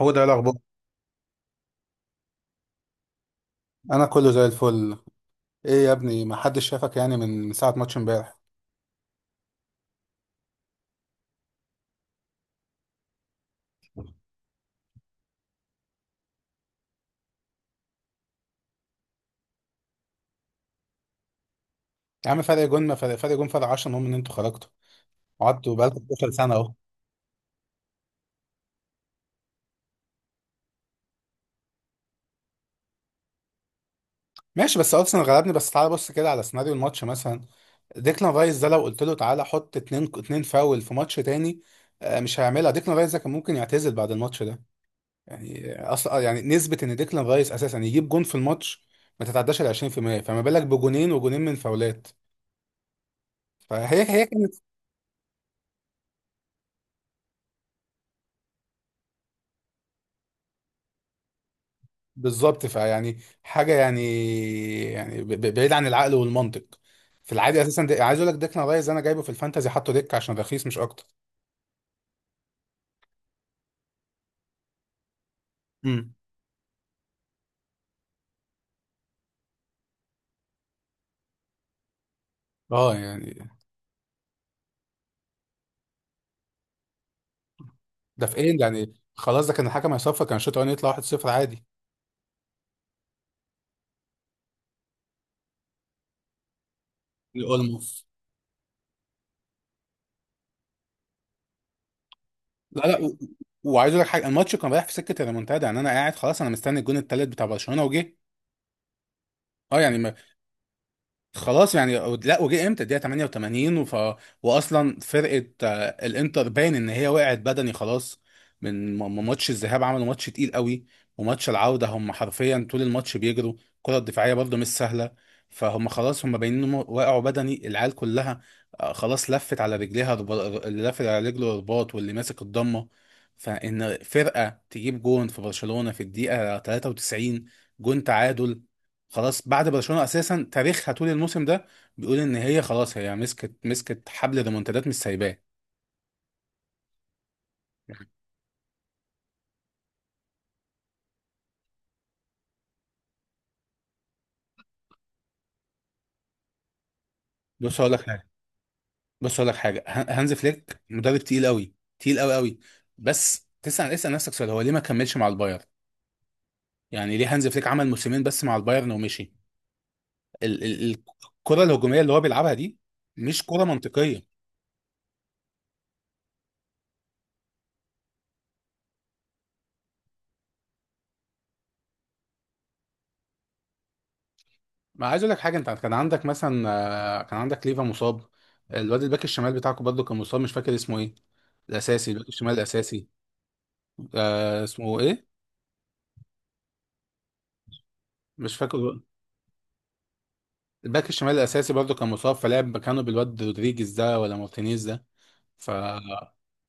هو ده الاخبار. انا كله زي الفل. ايه يا ابني؟ ما حدش شافك يعني من ساعه ماتش امبارح. يا عم فرق جون ما فرق جون فرق 10، المهم ان انتوا خرجتوا، قعدتوا بقالكم 12 سنه اهو. ماشي، بس ارسنال غلبني، بس تعالى بص كده على سيناريو الماتش مثلا. ديكلان رايس ده لو قلت له تعالى حط اتنين اتنين فاول في ماتش تاني، مش هيعملها. ديكلان رايس ده كان ممكن يعتزل بعد الماتش ده. يعني اصلا يعني نسبه ان ديكلان رايس اساسا يجيب جون في الماتش ما تتعداش ال 20%، فما بالك بجونين وجونين من فاولات. فهي كانت. بالظبط، فيعني حاجه يعني، يعني بعيد عن العقل والمنطق. في العادي اساسا ده عايز اقول لك ديك رايز انا جايبه في الفانتازي، حاطه ديك عشان رخيص مش اكتر. امم. اه يعني ده في ايه يعني؟ خلاص، ده كان الحكم هيصفر، كان الشوط الاولاني يطلع 1-0 عادي. اولموس. لا لا، وعايز اقول لك حاجه، الماتش كان رايح في سكه الريمونتادا، يعني انا قاعد خلاص انا مستني الجون التالت بتاع برشلونه وجه. اه يعني. خلاص يعني، لا، وجه امتى؟ الدقيقه 88. واصلا فرقه الانتر باين ان هي وقعت بدني خلاص. من ماتش الذهاب عملوا ماتش تقيل قوي، وماتش العوده هم حرفيا طول الماتش بيجروا الكره الدفاعيه، برضه مش سهله. فهم خلاص هم باينين انهم وقعوا بدني، العيال كلها خلاص لفت على رجليها، اللي لافت على رجله رباط واللي ماسك الضمه. فان فرقه تجيب جون في برشلونه في الدقيقه 93، جون تعادل، خلاص. بعد برشلونة اساسا تاريخها طول الموسم ده بيقول ان هي خلاص هي مسكت مسكت حبل ريمونتادات مش سايباه. بص هقول لك حاجه بص هقول لك حاجه، هانز فليك مدرب تقيل قوي، تقيل قوي قوي. بس تسال، اسال نفسك سؤال، هو ليه ما كملش مع البايرن؟ يعني ليه هانز فليك عمل موسمين بس مع البايرن ومشي؟ ال ال ال- الكره الهجوميه اللي هو بيلعبها دي مش كره منطقيه. ما عايز اقول لك حاجه، انت كان عندك مثلا كان عندك ليفا مصاب، الواد الباك الشمال بتاعكم برضه كان مصاب، مش فاكر اسمه ايه، الاساسي، الباك الشمال الاساسي. آه اسمه ايه؟ مش فاكر. الباك الشمال الاساسي برضه كان مصاب، فلعب مكانه بالواد رودريجيز ده ولا مارتينيز ده. ف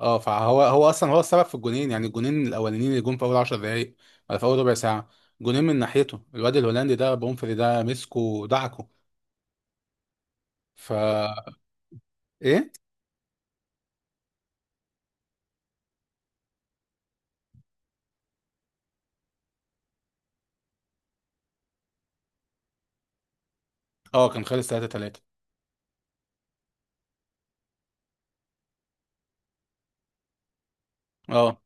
اه، فهو اصلا هو السبب في الجونين، يعني الجونين الاولانيين اللي جم في اول 10 دقائق ولا في اول ربع ساعه. جونين من ناحيته، الواد الهولندي ده بومفري ده مسكه ودعكه. ف ايه؟ اه كان خلص 3-3. اه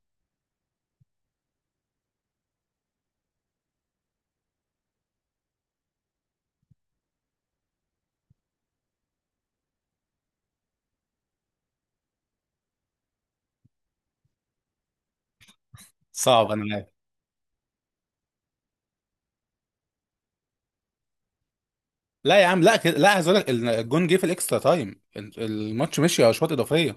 صعب، انا عارف. لا يا عم، لا كده، لا، عايز اقول لك الجون جه في الاكسترا تايم، الماتش مشي اشواط اضافيه.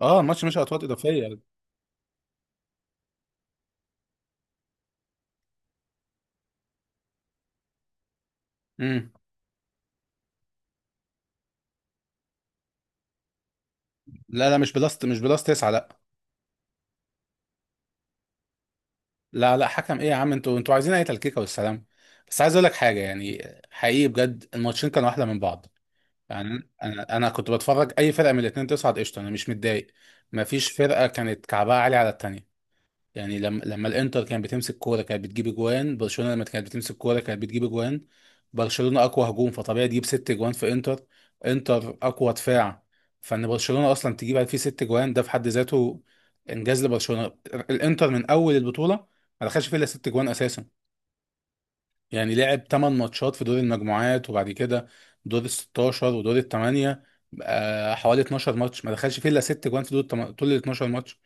اه الماتش مشي اشواط اضافيه. امم. لا لا، مش بلس تسعة، لا. لا لا، حكم ايه يا عم؟ انتوا عايزين اي تلكيكه والسلام. بس عايز اقول لك حاجه يعني، حقيقي بجد الماتشين كانوا احلى من بعض. يعني انا كنت بتفرج، اي فرقه من الاثنين تصعد قشطه، انا مش متضايق. ما فيش فرقه كانت كعبها عالي على التانيه. يعني لما الانتر كانت بتمسك كوره كانت بتجيب اجوان برشلونه، لما كانت بتمسك كوره كانت بتجيب اجوان. برشلونه اقوى هجوم، فطبيعي تجيب ست اجوان في انتر. انتر اقوى دفاع، فان برشلونه اصلا تجيب فيه ست اجوان ده في حد ذاته انجاز لبرشلونه. الانتر من اول البطوله ما دخلش فيه الا ست اجوان اساسا، يعني لعب 8 ماتشات في دور المجموعات، وبعد كده دور ال 16 ودور ال 8، بقى حوالي 12 ماتش ما دخلش فيه الا 6 جوان في دول طول ال 12 ماتش.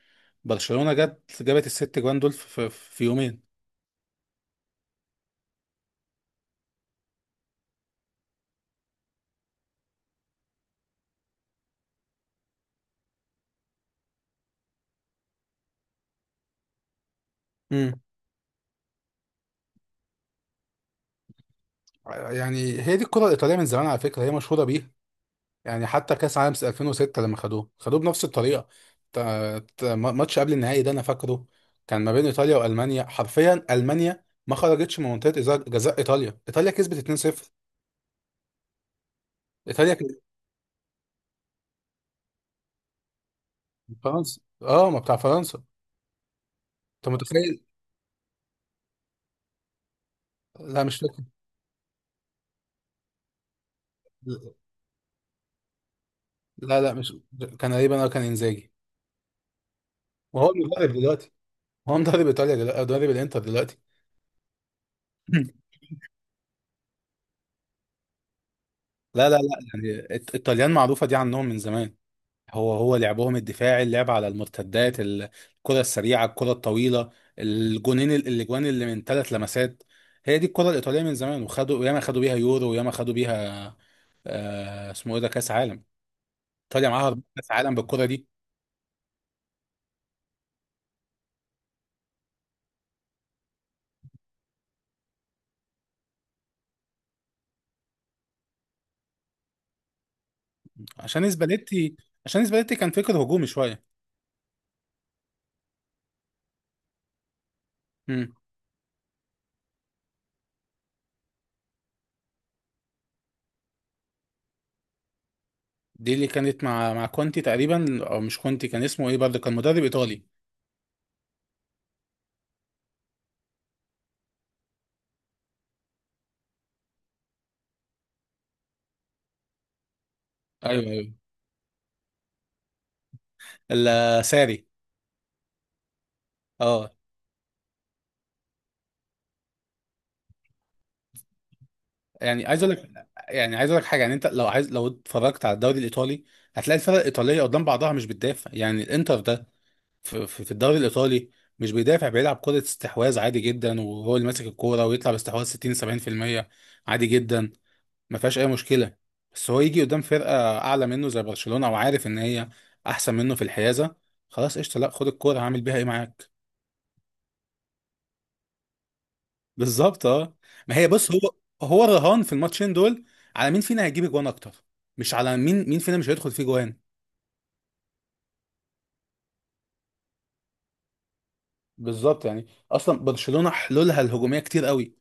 برشلونة جت جابت الست جوان دول في يومين. امم. يعني هي دي الكرة الإيطالية من زمان على فكرة، هي مشهورة بيه. يعني حتى كأس عالم 2006 لما خدوه خدوه بنفس الطريقة. ماتش قبل النهائي ده أنا فاكره، كان ما بين إيطاليا وألمانيا، حرفيا ألمانيا ما خرجتش من منطقة جزاء إيطاليا. إيطاليا كسبت 2-0. إيطاليا. فرنسا اه، ما بتاع فرنسا. انت متخيل؟ لا مش فاكر. لا لا، مش كان غريبا، انا كان انزاجي، وهو المدرب دلوقتي، هو مدرب ايطاليا دلوقتي، مدرب الانتر دلوقتي. لا لا لا. يعني الطليان معروفه دي عنهم من زمان. هو لعبهم الدفاعي، اللعب على المرتدات، الكره السريعه، الكره الطويله، الجونين الاجوان اللي من ثلاث لمسات، هي دي الكره الايطاليه من زمان، وخدوا ياما خدوا بيها يورو، وياما خدوا بيها آه اسمه ايه ده، كاس عالم. ايطاليا معاها أربع كاس عالم بالكره دي. عشان سباليتي. عشان سباليتي كان فكر هجومي شويه. امم. دي اللي كانت مع كونتي تقريبا، او مش كونتي، كان اسمه ايه برضه؟ كان مدرب ايطالي. ايوه ايوه. الساري. اه يعني عايز اقول لك حاجه، يعني انت لو عايز، لو اتفرجت على الدوري الايطالي هتلاقي الفرق الايطاليه قدام بعضها مش بتدافع. يعني الانتر ده في الدوري الايطالي مش بيدافع، بيلعب كرة استحواذ عادي جدا وهو اللي ماسك الكورة ويطلع باستحواذ 60 70% عادي جدا، ما فيهاش اي مشكله. بس هو يجي قدام فرقه اعلى منه زي برشلونه وعارف ان هي احسن منه في الحيازه، خلاص قشطه لا، خد الكوره هعمل بيها ايه معاك؟ بالظبط اه. ما هي بص هو الرهان في الماتشين دول على مين فينا هيجيب جوان اكتر، مش على مين فينا مش هيدخل فيه جوان. بالظبط، يعني اصلا برشلونه حلولها الهجوميه كتير قوي.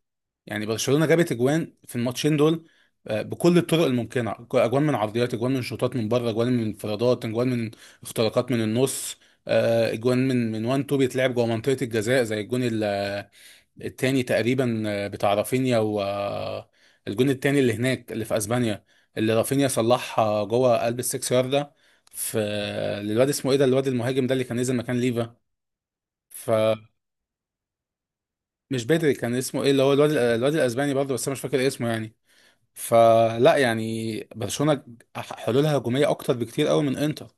يعني برشلونة جابت اجوان في الماتشين دول بكل الطرق الممكنة، اجوان من عرضيات، اجوان من شوطات من بره، اجوان من انفرادات، اجوان من اختراقات من النص، اجوان من وان تو بيتلعب جوه منطقة الجزاء زي الجون التاني تقريبا، بتاع رافينيا، و الجون التاني اللي هناك اللي في اسبانيا اللي رافينيا صلحها جوه قلب السكس ياردة في، للواد اسمه ايه ده، الواد المهاجم ده اللي كان نزل مكان ليفا. فمش بدري، كان اسمه ايه اللي هو الواد، الواد الاسباني برضه، بس انا مش فاكر اسمه يعني. فلا يعني برشلونة حلولها هجومية أكتر بكتير قوي من إنتر.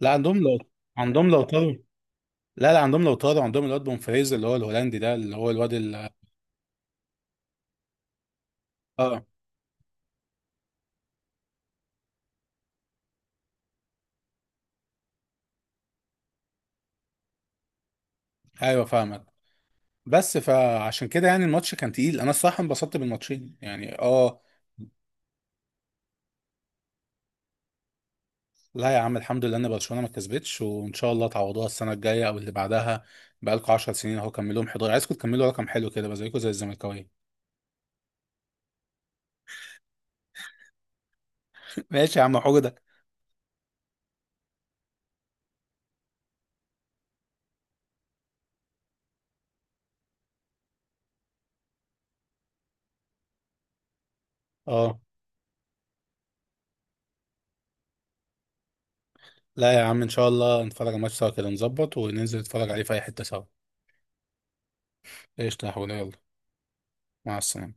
لا عندهم لو عندهم لو طاروا، لا لا، عندهم لو طاروا، عندهم الواد بومفريز اللي هو الهولندي ده اللي هو الواد ال. اه ايوه فاهمك. بس فعشان كده يعني الماتش كان تقيل، انا الصراحه انبسطت بالماتشين يعني اه. لا يا عم، الحمد لله ان برشلونه ما كسبتش، وان شاء الله تعوضوها السنه الجايه او اللي بعدها. بقالكوا 10 سنين اهو كملوهم 11، عايزكم تكملوا رقم حلو كده بقى زيكم زي الزملكاويه. ماشي يا عم حجدك. اه. لا يا عم، ان شاء الله نتفرج على الماتش سوا كده، نظبط وننزل نتفرج عليه في اي حتة سوا. قشطة يا حوده يلا. مع السلامة.